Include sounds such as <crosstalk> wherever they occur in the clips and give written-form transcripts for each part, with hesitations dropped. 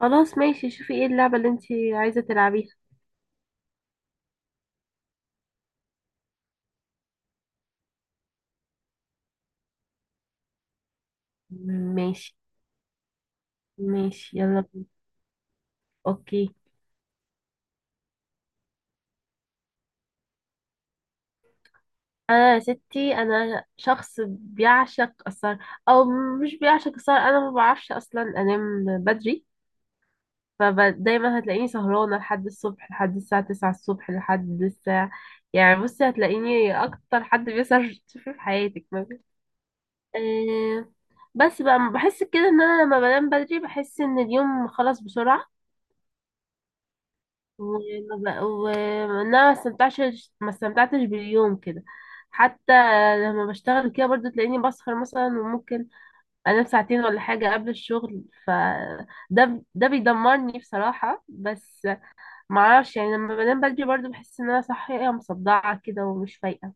خلاص، ماشي. شوفي ايه اللعبة اللي انتي عايزة تلعبيها؟ ماشي، ماشي، يلا بينا. اوكي. انا، يا ستي، انا شخص بيعشق السهر. او، مش بيعشق السهر، انا ما بعرفش اصلا انام بدري. فدايما هتلاقيني سهرانة لحد الصبح، لحد الساعة 9 الصبح، لحد الساعة... يعني، بصي، هتلاقيني اكتر حد بيسهر <laughs> تشوفيه في حياتك مثلا. أه، بس بقى بحس كده ان انا لما بنام بدري بحس ان اليوم خلص بسرعة. وانا ما استمتعتش باليوم كده. حتى لما بشتغل كده برضو تلاقيني بسهر مثلا، وممكن انام ساعتين ولا حاجة قبل الشغل، ف ده بيدمرني بصراحة. بس معرفش، يعني لما بنام بدري برضو بحس ان انا صحية مصدعة كده ومش فايقة.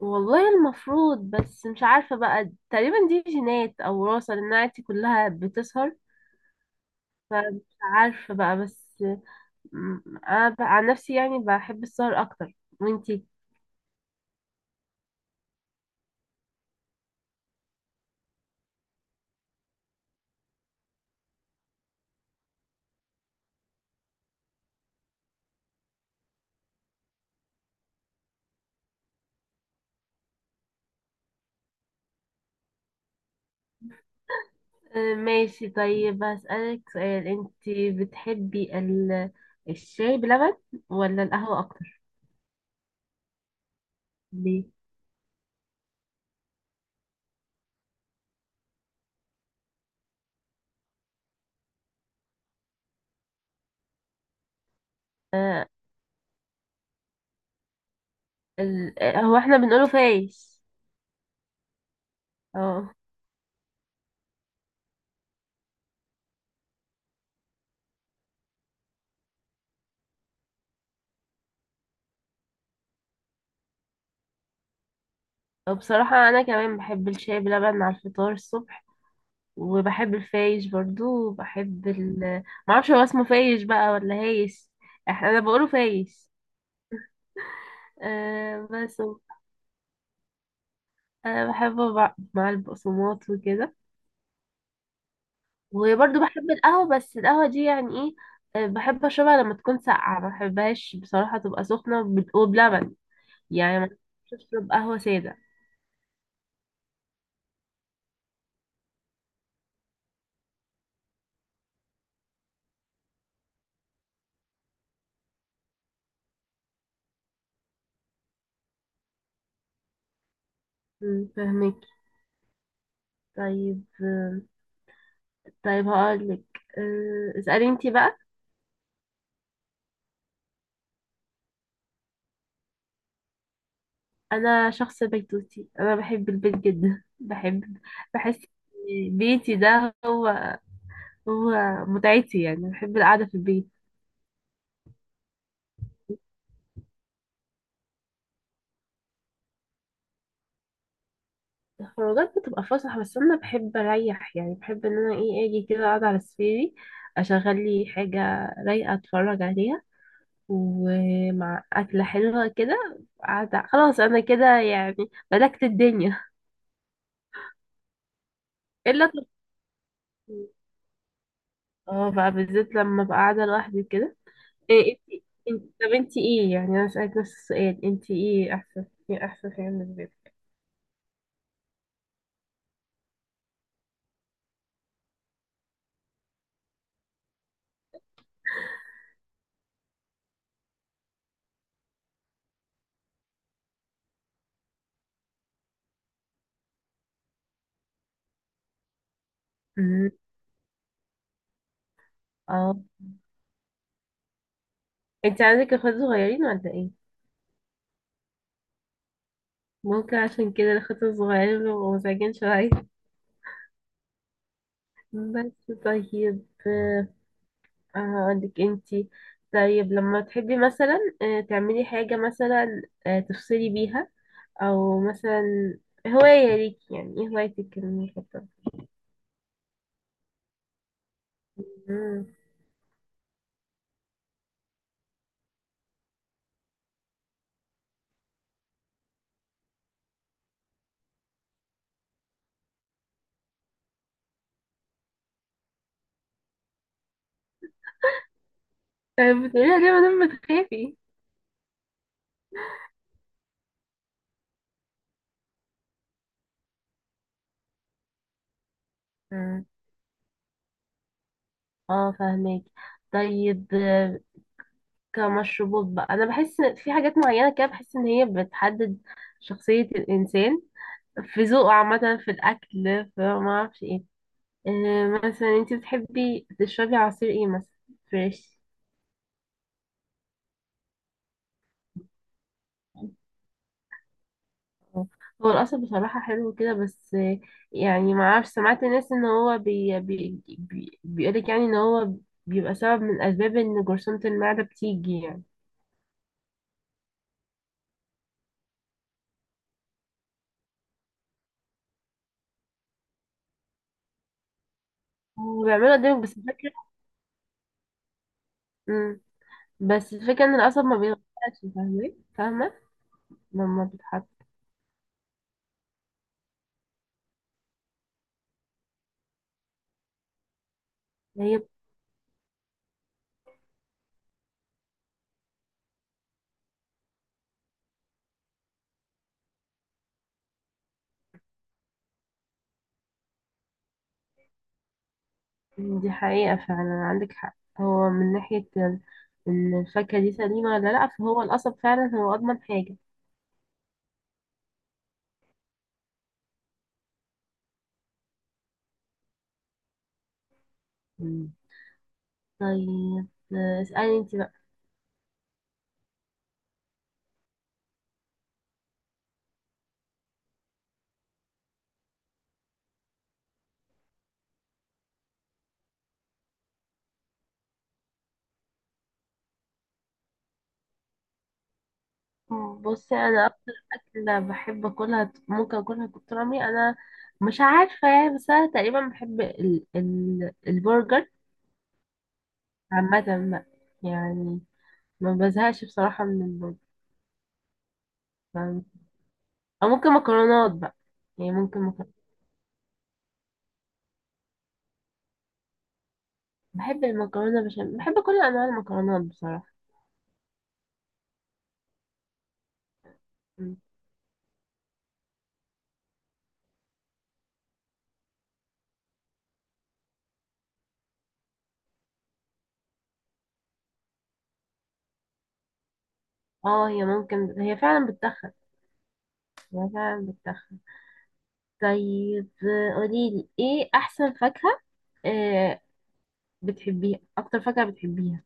والله المفروض، بس مش عارفة بقى، تقريبا دي جينات او وراثة لان عيلتي كلها بتسهر. فمش عارفة بقى. بس مم، انا عن نفسي يعني بحب السهر اكتر. وانتي؟ ماشي. طيب هسألك سؤال انت. بتحبي الشاي بلبن ولا القهوة اكتر؟ ليه؟ آه، ال... آه، هو احنا بنقوله فايش. اه. بصراحة انا كمان بحب الشاي بلبن على الفطار الصبح، وبحب الفايش برضو، وبحب معرفش هو اسمه فايش بقى ولا هايش. انا بقوله فايش. أه، بس. أه، بحبه مع البقسماط وكده. وبرضه بحب القهوة، بس القهوة دي يعني ايه، بحب اشربها لما تكون ساقعة، ما بحبهاش بصراحة تبقى سخنة وبلبن. يعني ما بحبش اشرب قهوة سادة. فهمك. طيب. طيب هقولك. اسألي انتي بقى. انا شخص بيتوتي، انا بحب البيت جدا <laughs> بحب. بحس إن بيتي ده هو متعتي، يعني بحب القعدة في البيت. الخروجات بتبقى فسح، بس انا بحب اريح، يعني بحب ان انا ايه اجي كده اقعد على سريري، اشغل لي حاجه رايقه اتفرج عليها، ومع اكله حلوه كده قاعده. خلاص، انا كده يعني ملكت الدنيا. الا الترفيه. اه، بقى بالذات لما ببقى قاعده لوحدي كده. إيه انتي؟ طب انتي ايه؟ يعني انا اسالك نفس السؤال، انتي ايه احسن حاجه بالنسبه لك؟ أمم، اه. انت عندك اخوات صغيرين ولا ايه؟ ممكن عشان كده الاخوات الصغيرين بيبقوا مزعجين شويه. بس طيب. هقولك انتي. طيب لما تحبي مثلا تعملي حاجة مثلا، تفصلي بيها، او مثلا هواية ليكي، يعني ايه هوايتك المفضلة؟ مم. طيب بتقوليها ليه مادام بتخافي؟ مم. اه، فاهمك. طيب، كمشروبات بقى، انا بحس في حاجات معينة كده، بحس ان هي بتحدد شخصية الانسان في ذوقه، عامة، في الاكل، في ما اعرفش ايه. مثلا انت بتحبي تشربي عصير ايه مثلا؟ فريش؟ هو القصب بصراحة حلو كده، بس يعني ما اعرفش، سمعت ناس ان هو بي بي بي بيقولك يعني ان هو بيبقى سبب من اسباب ان جرثومة المعدة بتيجي يعني. وبيعملوا قدامك، بس الفكرة... مم. بس الفكرة ان القصب ما بيتغيرش، فاهمة، فاهمة لما بتحط. هي دي حقيقة فعلا، عندك حق. هو من ناحية ان الفاكهة دي سليمة ولا لأ، فهو القصب فعلا هو أضمن حاجة. طيب اسألي انت بقى. مم. بصي انا اكتر اكلة بحب اكلها ممكن اكلها كتير عمري انا، مش عارفة يعني، بس انا تقريبا بحب ال البرجر عامة بقى، يعني ما بزهقش بصراحة من البرجر. فاهم؟ او ممكن مكرونات بقى، يعني ممكن مكرونات. بحب المكرونة بشاميل، بحب كل انواع المكرونات بصراحة. م. اه، هي ممكن هي فعلا بتتخن، هي فعلا بتتخن. طيب قوليلي ايه احسن فاكهة، آه، بتحبيها اكتر فاكهة بتحبيها؟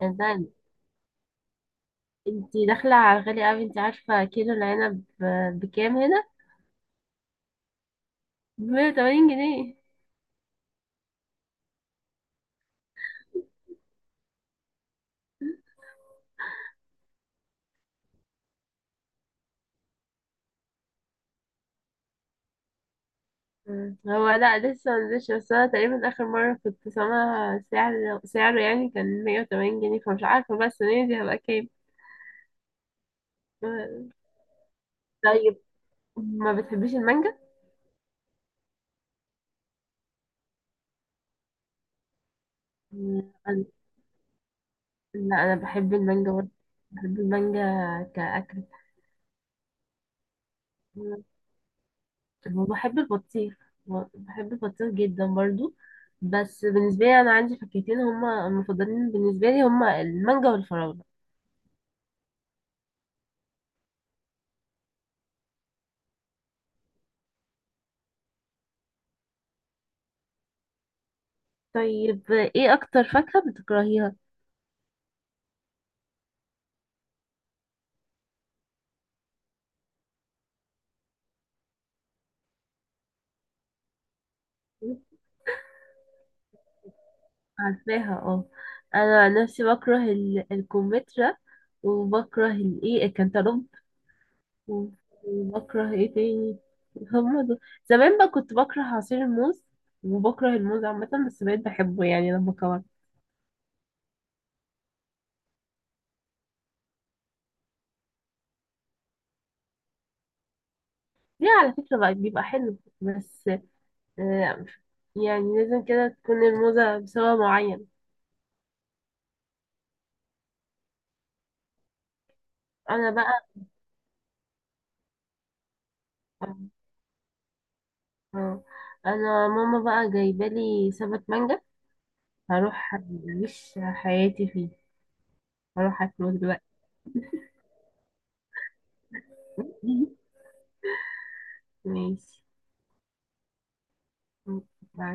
يعني ده انت داخلة على غالي قوي. انت عارفة كيلو العنب بكام هنا؟ ب 80 جنيه. مم. هو لا لسه منزلش، بس انا تقريبا اخر مرة كنت سامعة سعره يعني كان 180 جنيه، فمش عارفة بقى السنة دي هبقى كام. مم. طيب، ما بتحبيش المانجا؟ مم. لا، انا بحب المانجا برضه، بحب المانجا كأكل. وبحب البطيخ، بحب البطيخ جدا برضو. بس بالنسبة لي أنا عندي فاكهتين هما المفضلين بالنسبة لي، هما المانجا والفراولة. طيب ايه أكتر فاكهة بتكرهيها؟ عارفاها، اه. أنا عن نفسي بكره الكمثرى، وبكره الكنتالوب، و- وبكره ايه تاني؟ هما دول. زمان بقى كنت بكره عصير الموز، وبكره الموز عامة، بس بقيت بحبه يعني لما كبرت. ليه؟ على فكرة بقى بيبقى حلو، بس آه، يعني لازم كده تكون الموزة بسبب معين. انا بقى، آه، انا ماما بقى جايبالي سبت مانجا، هروح اعيش حياتي فيه، هروح اكله دلوقتي. <laughs> ماشي. مع